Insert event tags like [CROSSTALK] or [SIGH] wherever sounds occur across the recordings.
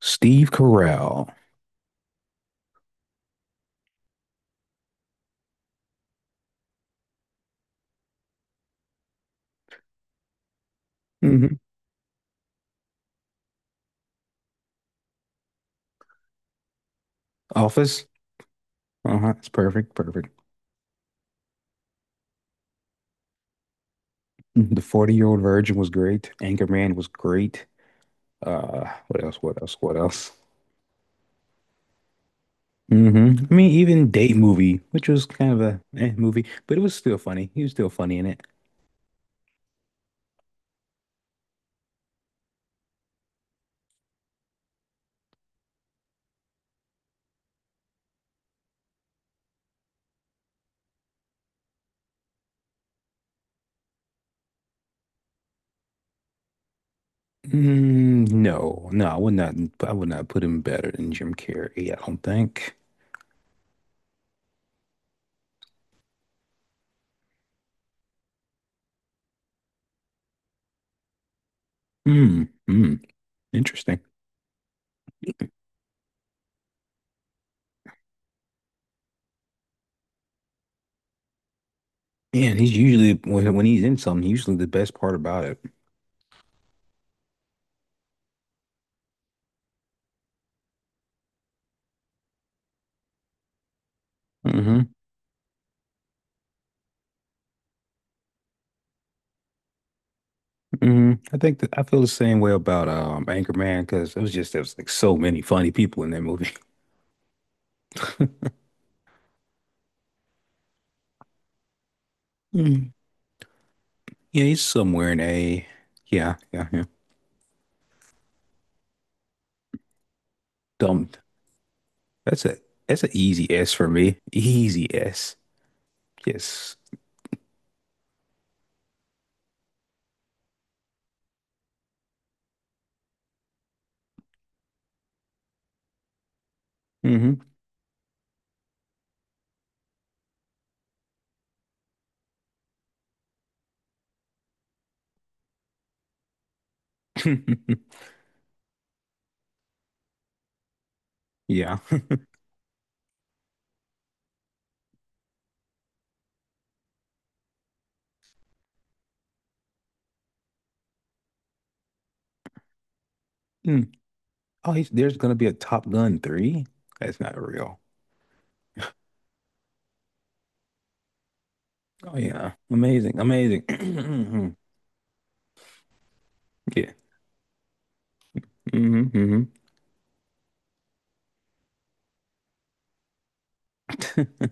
Steve Carell. Mhm. Office. Uh-huh. It's perfect. Perfect. Mm-hmm. The 40-Year-Old Virgin was great. Anchorman was great. What else? What else? What else? I mean, even Date Movie, which was kind of a movie, but it was still funny. He was still funny in it. Mm, no, no, I would not. I would not put him better than Jim Carrey. I don't think. Mm, mm, interesting. Yeah, he's usually, when he's in something, usually the best part about it. hmm I think that I feel the same way about Anchorman, because it was just there was like so many funny people in that movie. [LAUGHS] Mm. Yeah, he's somewhere in a, yeah, yeah, yeah. Dumb. That's a that's an easy S for me. Easy S. Yes. Hmm. [LAUGHS] Yeah. [LAUGHS] Mm. Oh, there's gonna be a Top Gun 3? That's not real. Oh yeah. Amazing. Amazing. [CLEARS THROAT] Mhm. Yeah. Hmm. Hmm. [LAUGHS]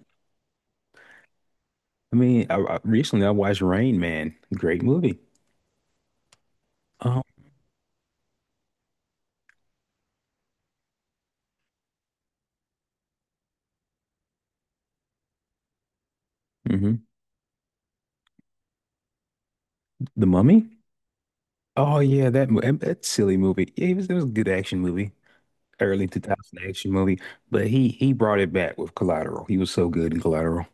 I mean, recently I watched Rain Man. Great movie. Oh. The Mummy? Oh yeah, that silly movie. Yeah, it was a good action movie, early 2000 action movie. But he brought it back with Collateral. He was so good in Collateral.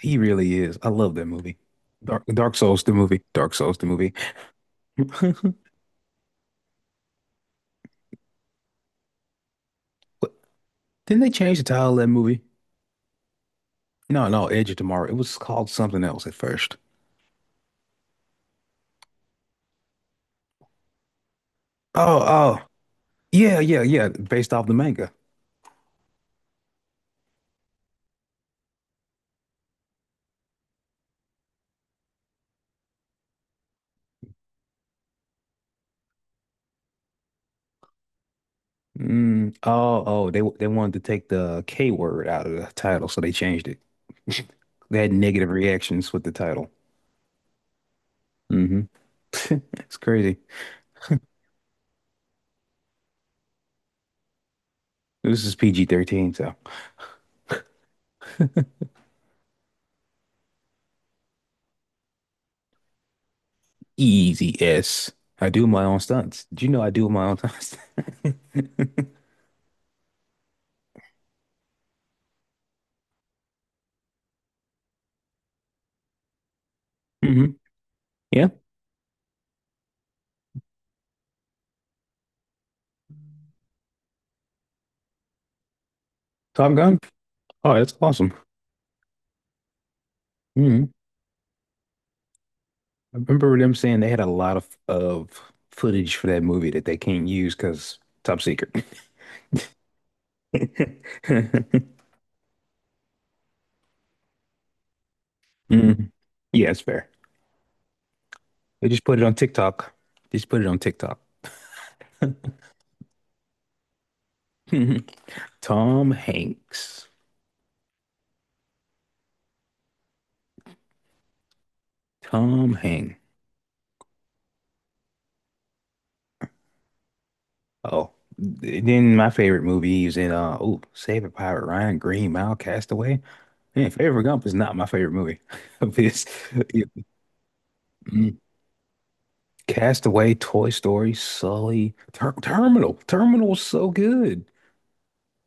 He really is. I love that movie. Dark Souls the movie. Dark Souls the movie. [LAUGHS] What- Didn't they change the title of that movie? No, no, Edge of Tomorrow. It was called something else at first. Oh, oh, yeah, yeah, yeah. Based off the manga. Mm, oh, oh, they wanted to take the K word out of the title, so they changed it. They had negative reactions with the title. Hmm. [LAUGHS] It's crazy. This is PG-13, so easy S. I do my own stunts. Did you know I do my own stunts? [LAUGHS] hmm. Yeah, Top Gun. Oh, that's awesome. hmm I remember them saying they had a lot of footage for that movie that they can't use because top secret. [LAUGHS] Mhm. Yeah, it's fair. They just put it on TikTok. Just put it on TikTok. [LAUGHS] Tom Hanks. Tom Hanks. Oh, then my favorite movie he was in, oh, Saving Private Ryan, Green Mile, Castaway. Man, Favorite Gump is not my favorite movie. [LAUGHS] It's it- mm, Castaway, Toy Story, Sully, Terminal. Terminal was so good.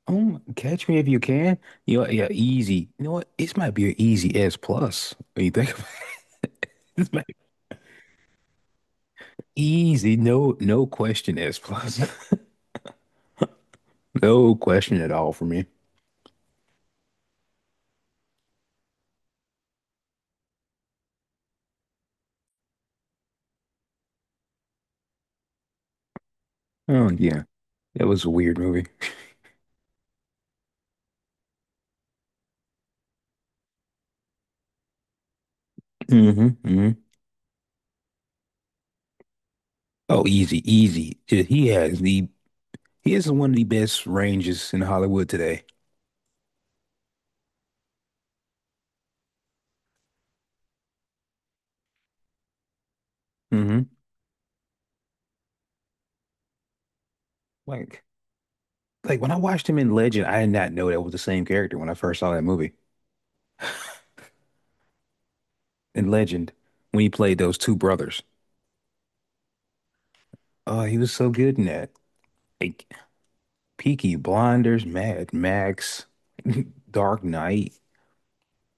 Oh, Catch Me If You Can. You know, yeah, easy. You know what? This might be an easy S plus. When you think about it, [LAUGHS] this might be easy. No, no question, S plus. [LAUGHS] No question at all for me. Oh yeah, that was a weird movie. Hmm. Oh, easy, easy. Yeah, he is one of the best ranges in Hollywood today. hmm Like, like, when I watched him in Legend, I did not know that was the same character when I first saw that movie. In Legend, when he played those two brothers, oh, he was so good in that. Like Peaky Blinders, Mad Max, [LAUGHS] Dark Knight.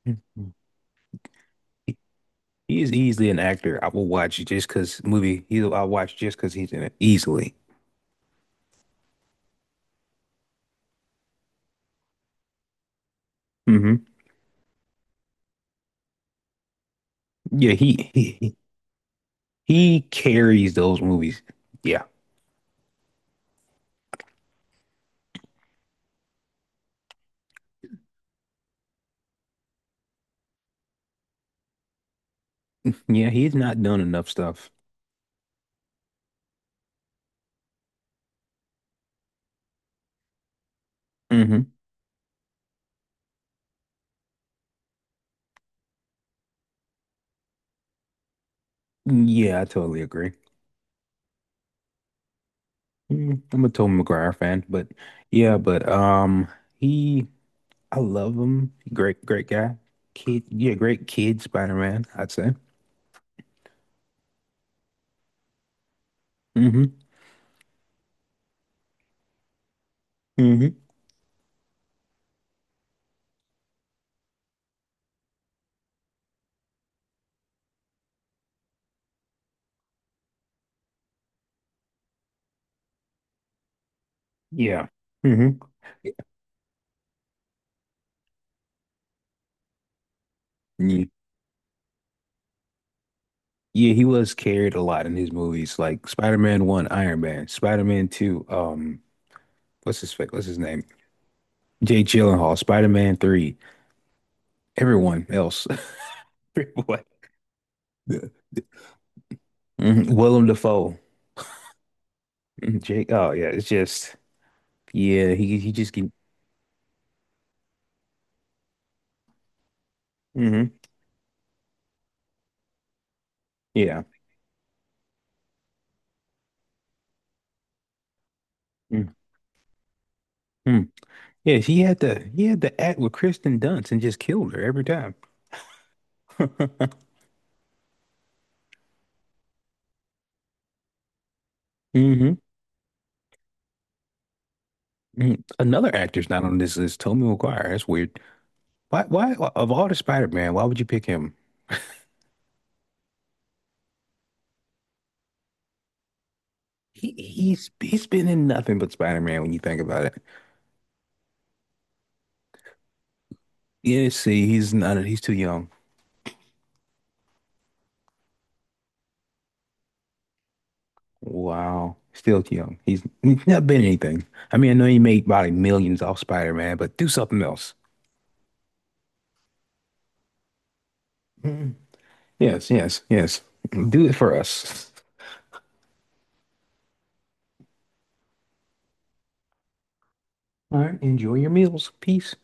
Mhm. He he is easily an actor I will watch just because movie. He I'll watch just because he's in it easily. Hmm. Yeah, he carries those movies. Yeah. Yeah, he's not done enough stuff. Hmm. Yeah, I totally agree. Mm, I'm a Tobey Maguire fan, but yeah, but he I love him. Great, great guy. Kid, yeah, great kid Spider-Man, I'd say. Hmm. Hmm. Yeah. Hmm. Yeah. Yeah, he was carried a lot in his movies, like Spider-Man 1, Iron Man, Spider-Man 2, what's his name? Jake Gyllenhaal, Spider-Man 3, everyone else. [LAUGHS] The- the- mhm. Willem Dafoe. Mhm, Jake. Oh yeah, it's just, yeah, he just can. Hmm. Yeah. Hmm. Yeah, he had to act with Kristen Dunst and just killed her every time. [LAUGHS] hmm Another actor's not on this list, Tobey Maguire. That's weird. Why of all the Spider-Man, why would you pick him? He's been in nothing but Spider-Man when you think about it. Yeah, see, he's not, he's too young. Wow. Still young. He's not been anything. I mean, I know he made probably millions off Spider-Man, but do something else. Mm. Yes, yes, yes. Do it for us. All right. Enjoy your meals. Peace.